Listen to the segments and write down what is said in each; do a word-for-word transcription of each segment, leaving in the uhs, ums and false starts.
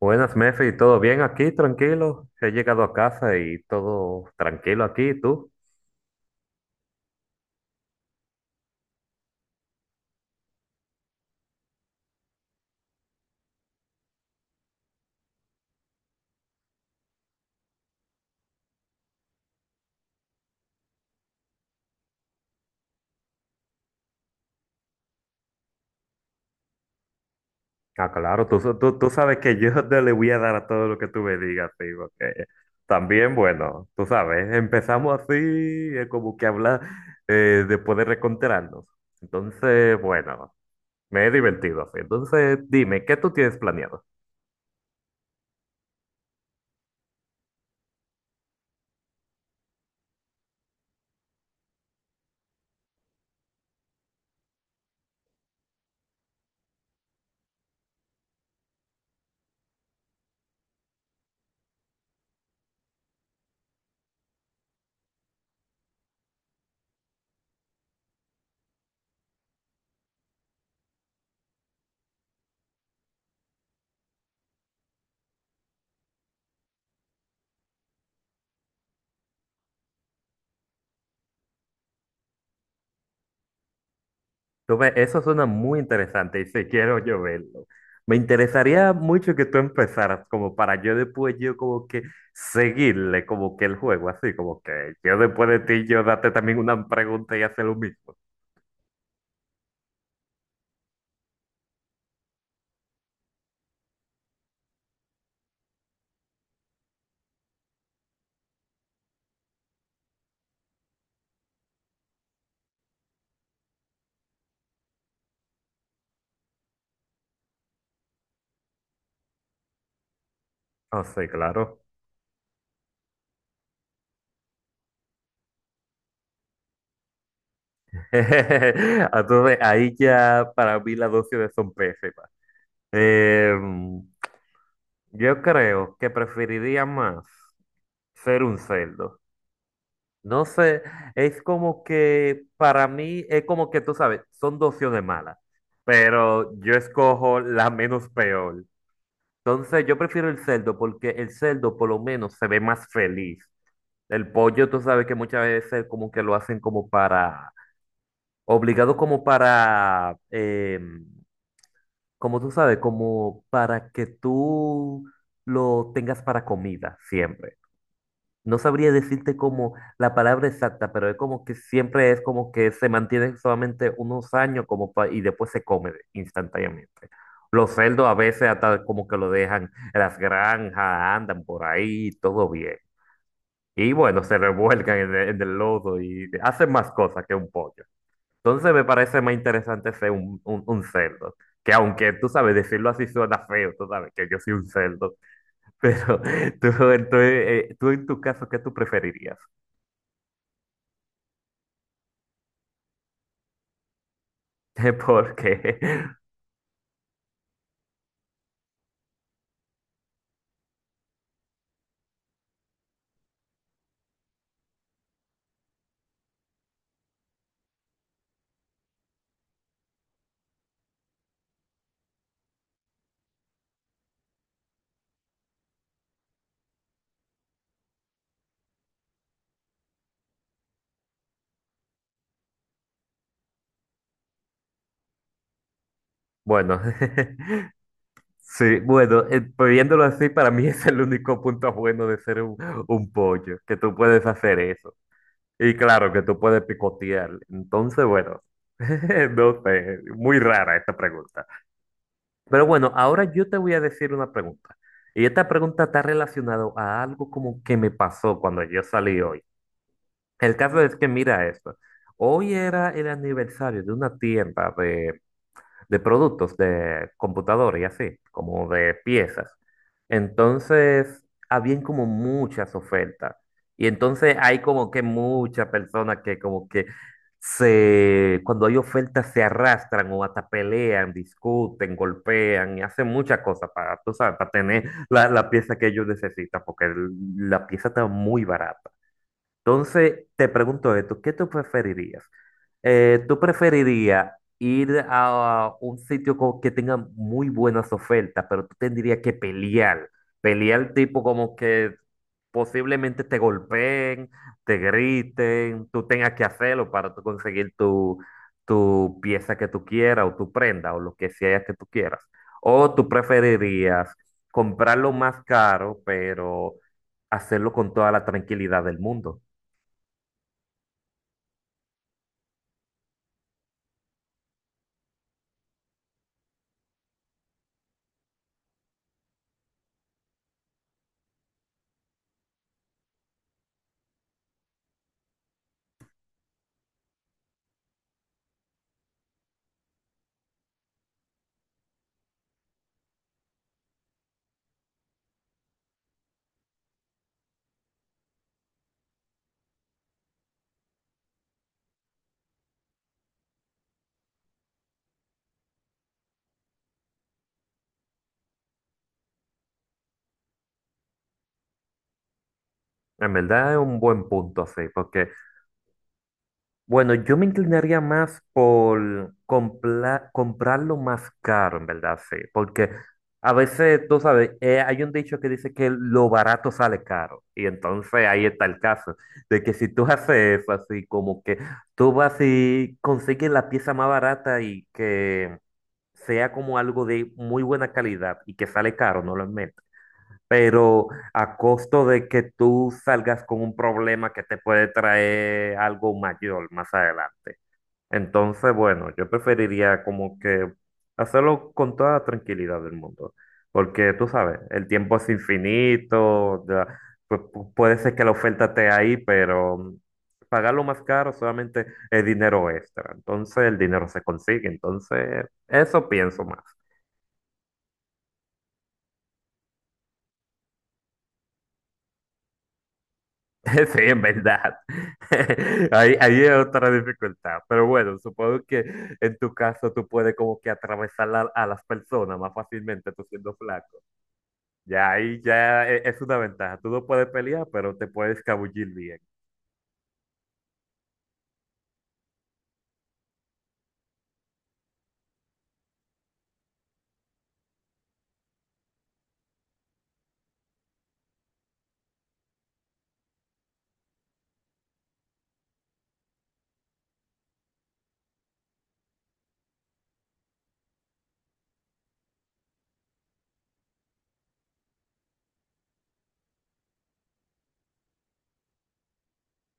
Buenas, Mefi, ¿todo bien aquí? Tranquilo. He llegado a casa y todo tranquilo aquí, ¿tú? Ah, claro, tú, tú, tú sabes que yo te le voy a dar a todo lo que tú me digas, sí, porque también, bueno, tú sabes, empezamos así, eh, como que hablar eh, después de reencontrarnos. Entonces, bueno, me he divertido así. Entonces, dime, ¿qué tú tienes planeado? Tú ve- eso suena muy interesante y sí quiero yo verlo. Me interesaría mucho que tú empezaras como para yo después yo como que seguirle como que el juego, así como que yo después de ti yo darte también una pregunta y hacer lo mismo. Ah, sí, claro. Entonces ahí ya para mí las dosis son pésimas. Em, yo creo que preferiría más ser un cerdo. No sé, es como que para mí es como que tú sabes, son dos opciones malas, pero yo escojo la menos peor. Entonces yo prefiero el cerdo porque el cerdo por lo menos se ve más feliz. El pollo tú sabes que muchas veces como que lo hacen como para, obligado como para, em, como tú sabes, como para que tú lo tengas para comida siempre. No sabría decirte como la palabra exacta, pero es como que siempre es como que se mantienen solamente unos años como pa- y después se come instantáneamente. Los cerdos a veces hasta como que lo dejan en las granjas, andan por ahí, todo bien. Y bueno, se revuelcan en el, en el lodo y hacen más cosas que un pollo. Entonces me parece más interesante ser un, un, un cerdo. Que aunque tú sabes, decirlo así suena feo, tú sabes que yo soy un cerdo, pero tú, tú, eh, tú en tu caso, ¿qué tú preferirías? Porque, bueno, sí, bueno, eh, pues viéndolo así, para mí es el único punto bueno de ser un, un pollo, que tú puedes hacer eso. Y claro, que tú puedes picotear. Entonces, bueno, no sé, muy rara esta pregunta. Pero bueno, ahora yo te voy a decir una pregunta. Y esta pregunta está relacionada a algo como que me pasó cuando yo salí hoy. El caso es que, mira esto, hoy era el aniversario de una tienda de productos de computador y así, como de piezas. Entonces, habían como muchas ofertas. Y entonces hay como que muchas personas que como que se, cuando hay ofertas se arrastran o hasta pelean, discuten, golpean y hacen muchas cosas para, tú sabes, para tener la, la pieza que ellos necesitan, porque el- la pieza está muy barata. Entonces, te pregunto esto, ¿qué tú preferirías? Eh, ¿tú preferirías ir a un sitio co- que tenga muy buenas ofertas, pero tú tendrías que pelear? Pelear tipo como que posiblemente te golpeen, te griten, tú tengas que hacerlo para tú conseguir tu, tu pieza que tú quieras o tu prenda o lo que sea que tú quieras. ¿O tú preferirías comprarlo más caro, pero hacerlo con toda la tranquilidad del mundo? En verdad es un buen punto, sí, porque, bueno, yo me inclinaría más por compla- comprarlo más caro, en verdad, sí, porque a veces, tú sabes, eh, hay un dicho que dice que lo barato sale caro, y entonces ahí está el caso, de que si tú haces eso, así como que tú vas y consigues la pieza más barata y que sea como algo de muy buena calidad y que sale caro, no lo es menos, pero a costo de que tú salgas con un problema que te puede traer algo mayor más adelante. Entonces, bueno, yo preferiría como que hacerlo con toda la tranquilidad del mundo, porque tú sabes, el tiempo es infinito, ya, pu- pu- puede ser que la oferta esté ahí, pero mm, pagarlo más caro solamente es dinero extra. Entonces, el dinero se consigue, entonces, eso pienso más. Sí, en verdad. Ahí, ahí es otra dificultad. Pero bueno, supongo que en tu caso tú puedes como que atravesar la- a las personas más fácilmente tú siendo flaco. Ya ahí ya e- es una ventaja. Tú no puedes pelear, pero te puedes escabullir bien.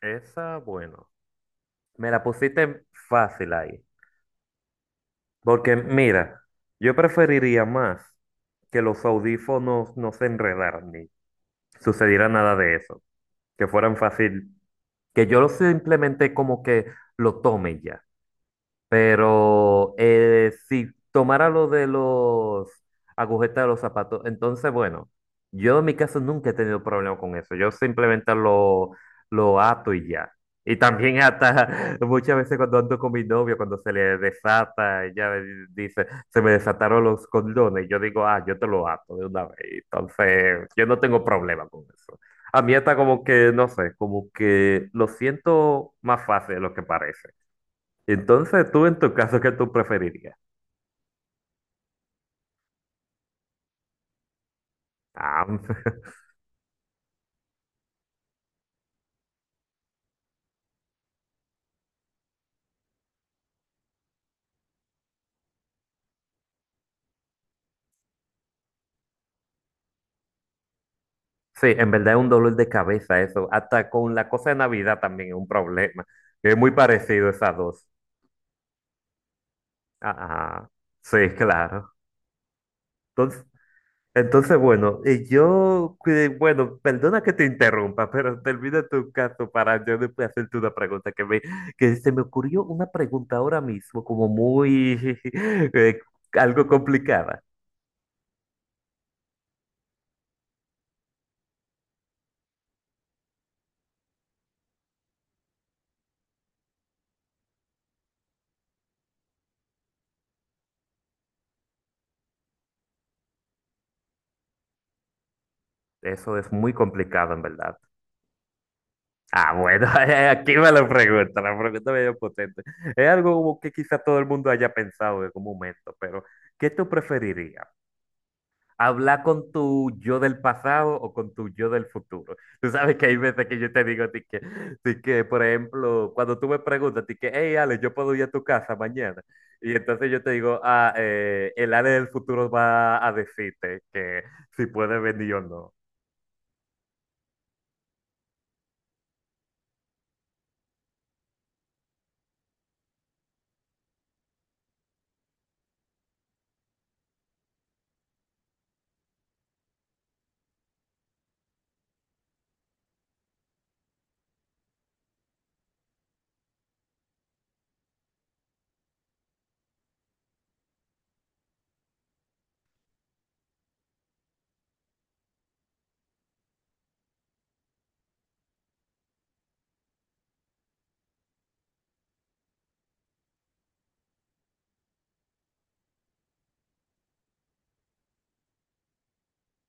Esa, bueno. Me la pusiste fácil ahí. Porque mira, yo preferiría más que los audífonos no se enredaran ni sucediera nada de eso. Que fueran fácil. Que yo lo simplemente como que lo tome y ya. Pero eh, si tomara lo de los agujetas de los zapatos, entonces, bueno, yo en mi caso nunca he tenido problema con eso. Yo simplemente lo, lo ato y ya. Y también hasta muchas veces cuando ando con mi novio, cuando se le desata, ella dice, se me desataron los condones. Y yo digo, ah, yo te lo ato de una vez. Entonces, yo no tengo problema con eso. A mí está como que, no sé, como que lo siento más fácil de lo que parece. Entonces, tú en tu caso, ¿qué tú preferirías? Ah, sí, en verdad es un dolor de cabeza eso. Hasta con la cosa de Navidad también es un problema. Es muy parecido esas dos. Ah, sí, claro. Entonces, entonces bueno, y yo, que- bueno, perdona que te interrumpa, pero termina tu caso para yo después hacerte una pregunta que me, que se me ocurrió una pregunta ahora mismo como muy, eh, algo complicada. Eso es muy complicado, en verdad. Ah, bueno, aquí me lo pregunta, la pregunta medio potente. Es algo como que quizá todo el mundo haya pensado en algún momento, pero ¿qué tú preferirías? ¿Hablar con tu yo del pasado o con tu yo del futuro? Tú sabes que hay veces que yo te digo a ti que, ti que, por ejemplo, cuando tú me preguntas, ti que, hey, Ale, yo puedo ir a tu casa mañana. Y entonces yo te digo, ah, eh, el Ale del futuro va a decirte que si puede venir o no.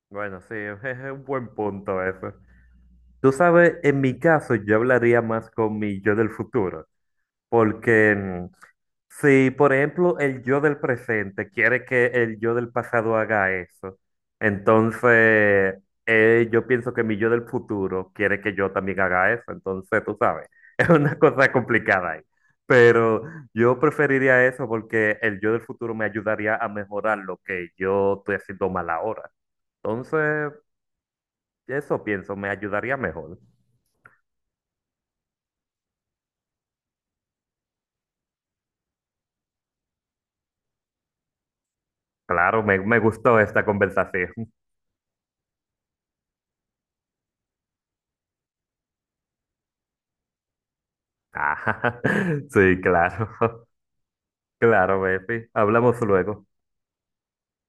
Bueno, sí, es un buen punto eso. Tú sabes, en mi caso yo hablaría más con mi yo del futuro, porque mm, si, por ejemplo, el yo del presente quiere que el yo del pasado haga eso, entonces eh, yo pienso que mi yo del futuro quiere que yo también haga eso, entonces tú sabes, es una cosa complicada ahí, pero yo preferiría eso porque el yo del futuro me ayudaría a mejorar lo que yo estoy haciendo mal ahora, entonces eso pienso, me ayudaría mejor. Claro, me, me gustó esta conversación. Ah, sí, claro, claro, Bepi. Hablamos luego.